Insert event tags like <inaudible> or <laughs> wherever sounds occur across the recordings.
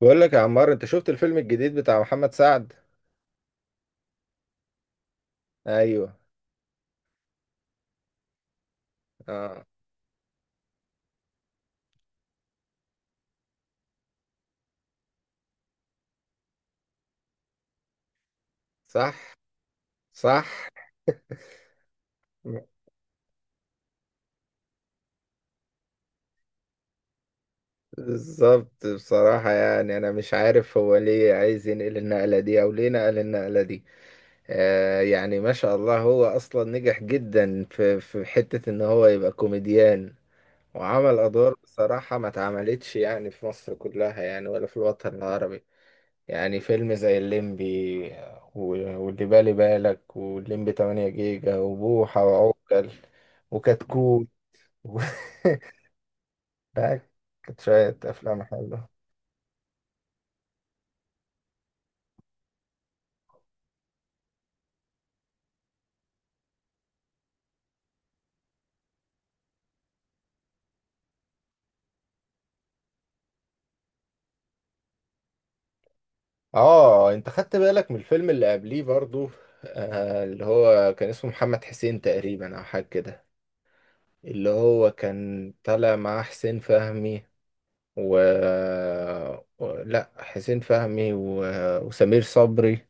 بقول لك يا عمار، انت شفت الفيلم الجديد بتاع محمد سعد؟ ايوه. اه. صح. صح. بالظبط، بصراحة يعني انا مش عارف هو ليه عايز ينقل النقلة دي او ليه نقل النقلة دي. يعني ما شاء الله هو اصلا نجح جدا في حتة ان هو يبقى كوميديان، وعمل ادوار بصراحة ما اتعملتش يعني في مصر كلها، يعني ولا في الوطن العربي. يعني فيلم زي الليمبي واللي بالي بالك، والليمبي 8 جيجا وبوحة وعوكل وكتكوت و... <laughs> لا، كانت شوية أفلام حلوة. اه، انت خدت بالك من الفيلم اللي قبليه برضو؟ آه، اللي هو كان اسمه محمد حسين تقريبا او حاجة كده، اللي هو كان طالع مع حسين فهمي و... و... لا، حسين فهمي و... وسمير صبري،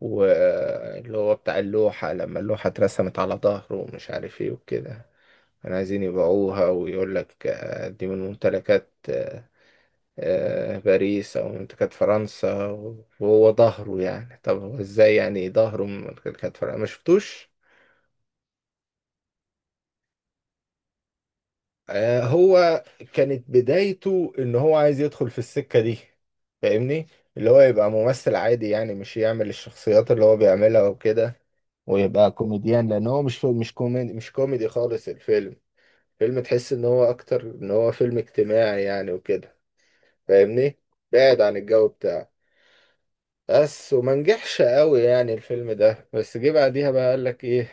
واللي هو بتاع اللوحة، لما اللوحة اترسمت على ظهره ومش عارف ايه وكده، كانوا عايزين يبيعوها ويقول لك دي من ممتلكات باريس أو ممتلكات فرنسا، وهو ظهره، يعني طب هو ازاي يعني ظهره من ممتلكات فرنسا؟ ما شفتوش؟ هو كانت بدايته ان هو عايز يدخل في السكة دي، فاهمني؟ اللي هو يبقى ممثل عادي يعني، مش يعمل الشخصيات اللي هو بيعملها وكده، ويبقى كوميديان، لان هو مش كوميدي، مش كوميدي خالص الفيلم. فيلم تحس ان هو اكتر ان هو فيلم اجتماعي يعني وكده، فاهمني؟ بعد عن الجو بتاعه، بس وما نجحش قوي يعني الفيلم ده، بس جه بعديها بقى قال لك ايه،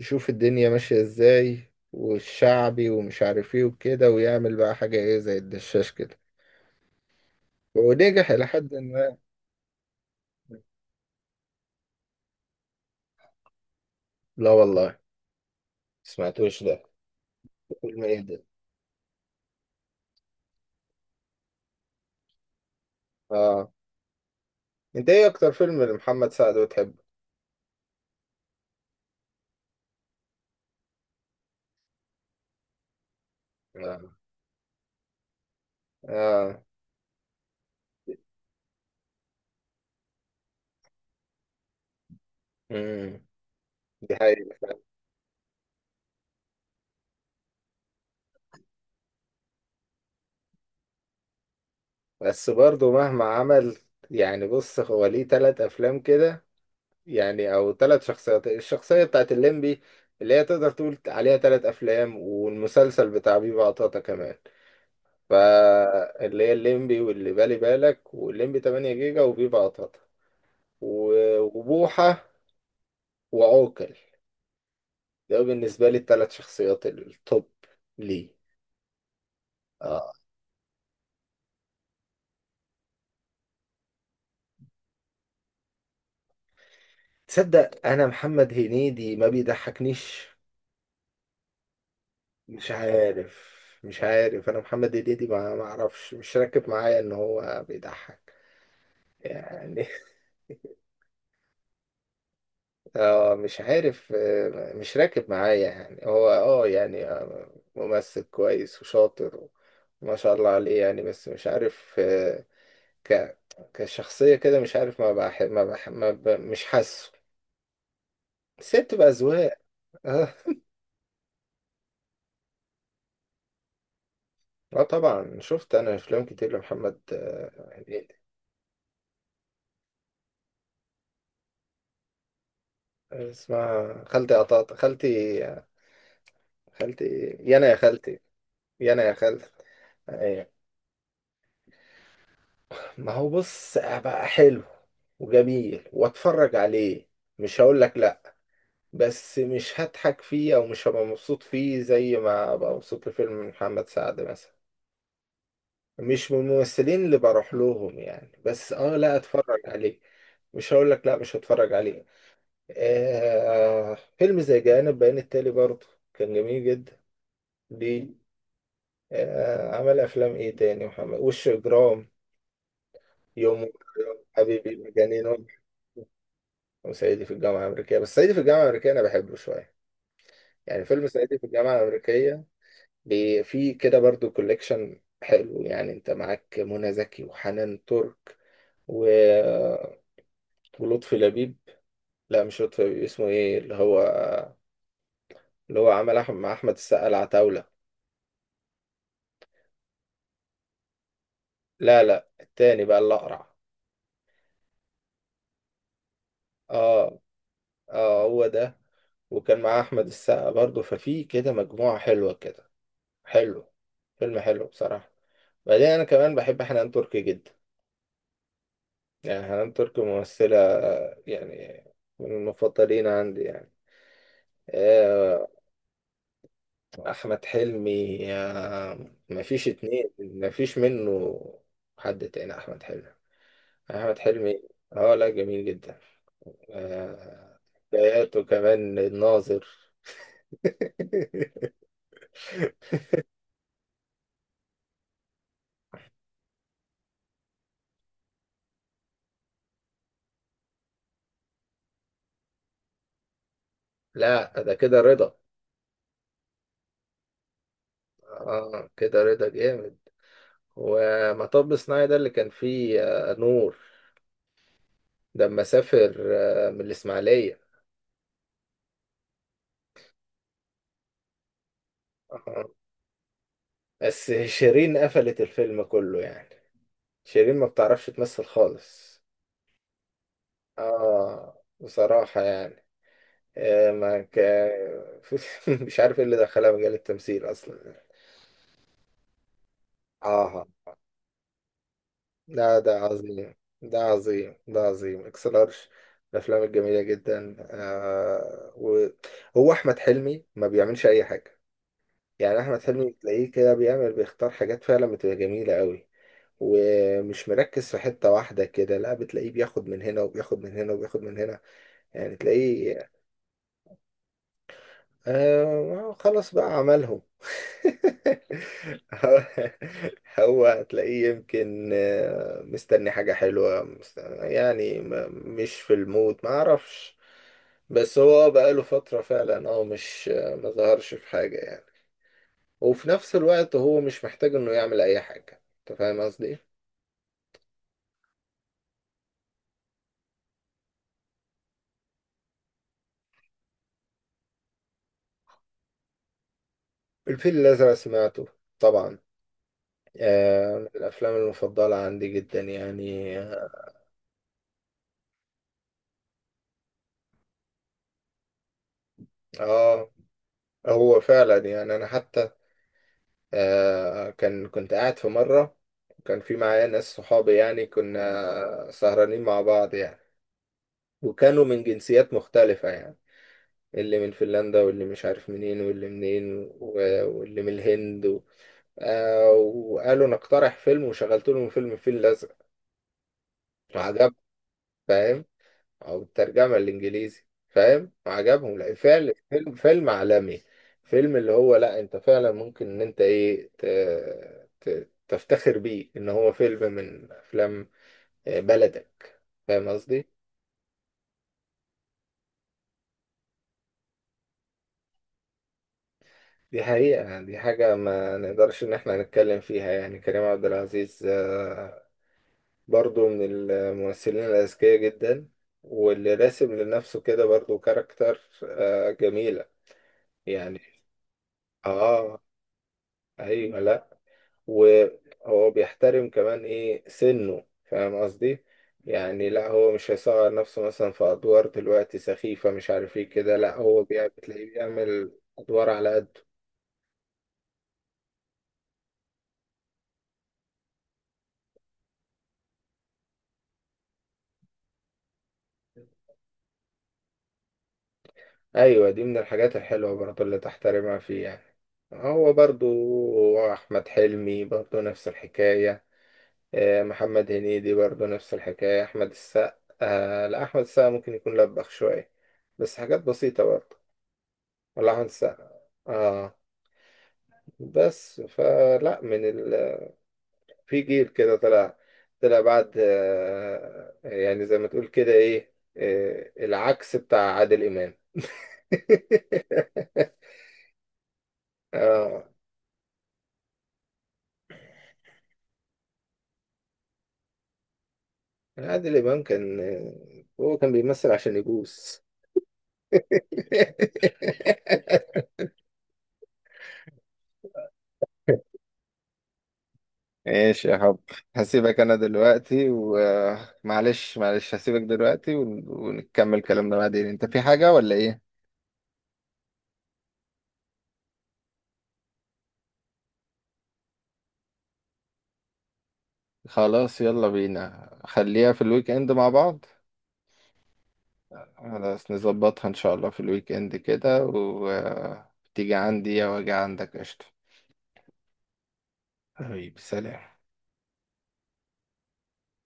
يشوف الدنيا ماشية ازاي، والشعبي ومش عارف ايه وكده، ويعمل بقى حاجة ايه زي الدشاش كده، ونجح الى حد ما. لا والله، ما سمعتوش ده. فيلم ايه ده؟ اه. انت ايه اكتر فيلم لمحمد سعد بتحبه؟ اه. آه. مم. دي حقيقة فعلا. بس برضه مهما عمل، يعني بص، هو ليه تلات أفلام كده، يعني أو تلات شخصيات. الشخصية بتاعت الليمبي اللي هي تقدر تقول عليها تلات أفلام، والمسلسل بتاع بيبا عطاطا كمان. فاللي هي الليمبي، واللي بالي بالك، والليمبي 8 جيجا، وبيبا عطاطا، وبوحة، وعوكل، ده بالنسبة لي التلات شخصيات التوب. ليه؟ آه. تصدق أنا محمد هنيدي ما بيضحكنيش؟ مش عارف. مش عارف، انا محمد هنيدي ما اعرفش، مش راكب معايا ان هو بيضحك يعني. <laughs> اه، مش عارف، مش راكب معايا يعني، هو اه يعني، ممثل كويس وشاطر، ما شاء الله عليه يعني، بس مش عارف، آه، ك كشخصية كده، مش عارف، ما بح... ما, بح... ما ب... مش حاسه. بس هي بتبقى أذواق. اه. آه طبعا، شفت أنا أفلام كتير لمحمد هنيدي. اسمها خالتي قطاطة، خالتي، خالتي ايه، يا انا يا خالتي، يا انا يا خالتي. ايه؟ ما هو بص، بقى حلو وجميل واتفرج عليه، مش هقول لك لا، بس مش هضحك فيه او مش هبقى مبسوط فيه زي ما ابقى مبسوط لفيلم محمد سعد مثلا. مش من الممثلين اللي بروح لهم يعني، بس اه لا اتفرج عليه، مش هقول لك لا مش هتفرج عليه. آه فيلم زي جانب بيان التالي برضه كان جميل جدا. ليه؟ آه عمل افلام ايه تاني؟ محمد وش اجرام، يوم، حبيبي مجانين، وصعيدي في الجامعة الأمريكية. بس صعيدي في الجامعة الأمريكية أنا بحبه شوية، يعني فيلم صعيدي في الجامعة الأمريكية، فيه كده برضو كوليكشن حلو يعني، أنت معاك منى زكي وحنان ترك و- ولطفي لبيب. لا مش لطفي لبيب، اسمه إيه اللي هو، اللي هو عمل أحمد مع أحمد السقا، العتاولة. لا لا التاني بقى، اللي أقرع. آه. آه هو ده. وكان معاه أحمد السقا برضو، ففي كده مجموعة حلوة كده، حلو، فيلم حلو بصراحة. بعدين أنا كمان بحب حنان تركي جدا، يعني حنان تركي ممثلة يعني من المفضلين عندي يعني. آه، أحمد حلمي، مفيش اتنين، مفيش منه. حد تاني أحمد حلمي؟ أحمد حلمي، اه لا جميل جدا. حكاياته كمان، الناظر. لا ده كده رضا. اه كده رضا جامد. ومطب صناعي ده اللي كان فيه نور، لما سافر من الإسماعيلية. آه. بس شيرين قفلت الفيلم كله يعني، شيرين ما بتعرفش تمثل خالص. اه، بصراحة يعني، آه ما ك... <laughs> مش عارف ايه اللي دخلها مجال التمثيل اصلا. اه لا ده عظيم، ده عظيم، ده عظيم اكس لارج، الافلام الجميلة جدا آه. وهو احمد حلمي ما بيعملش اي حاجة، يعني احمد حلمي تلاقيه كده بيعمل، بيختار حاجات فعلا بتبقى جميلة قوي، ومش مركز في حتة واحدة كده، لا بتلاقيه بياخد من هنا، وبياخد من هنا، وبياخد من هنا، يعني تلاقيه. آه خلاص، بقى عملهم. <laughs> هو هو تلاقيه يمكن مستني حاجة حلوة، يعني مش في المود، ما اعرفش. بس هو بقاله فترة فعلا اه، مش ما ظهرش في حاجة يعني. وفي نفس الوقت هو مش محتاج انه يعمل اي حاجة. انت فاهم قصدي؟ إيه؟ الفيل الازرق سمعته، طبعا، من الأفلام المفضلة عندي جدا يعني. آه هو فعلا يعني، أنا حتى كان كنت قاعد في مرة، كان في معايا ناس، صحابي يعني، كنا سهرانين مع بعض يعني، وكانوا من جنسيات مختلفة يعني، اللي من فنلندا، واللي مش عارف منين، واللي منين، واللي من الهند و... آه وقالوا نقترح فيلم، وشغلت لهم فيلم الفيل الأزرق. عجب. فاهم؟ او الترجمه الانجليزي، فاهم؟ وعجبهم، لا فعلا فيلم، فيلم عالمي. فيلم اللي هو لا، انت فعلا ممكن ان انت ايه تفتخر بيه، ان هو فيلم من افلام بلدك. فاهم قصدي؟ دي حقيقة يعني، دي حاجة ما نقدرش ان احنا نتكلم فيها يعني، كريم عبد العزيز برضو من الممثلين الاذكياء جدا، واللي راسم لنفسه كده برضو كاركتر جميلة يعني. اه. ايوه لا. وهو بيحترم كمان ايه سنه، فاهم قصدي؟ يعني لا هو مش هيصغر نفسه مثلا في ادوار دلوقتي سخيفة مش عارف ايه كده، لا هو بتلاقيه بيعمل ادوار على قده. ايوه دي من الحاجات الحلوة برضو اللي تحترمها فيه يعني. هو برضو، احمد حلمي برضو نفس الحكاية، محمد هنيدي برضو نفس الحكاية، احمد السقا، لا احمد السقا ممكن يكون لبخ شوية، بس حاجات بسيطة برضو، ولا احمد السقا. اه. بس فلا في جيل كده طلع، طلع بعد يعني زي ما تقول كده ايه، العكس بتاع عادل امام. <laughs> اه. عادل امام كان هو كان بيمثل عشان يبوس. <laughs> ايش يا حب. هسيبك انا دلوقتي، ومعلش معلش هسيبك دلوقتي ونكمل كلامنا بعدين. انت في حاجة ولا ايه؟ خلاص يلا بينا، خليها في الويك اند مع بعض. خلاص نظبطها ان شاء الله في الويك اند كده، وتيجي عندي او اجي عندك. قشطة. حبيبي سلام.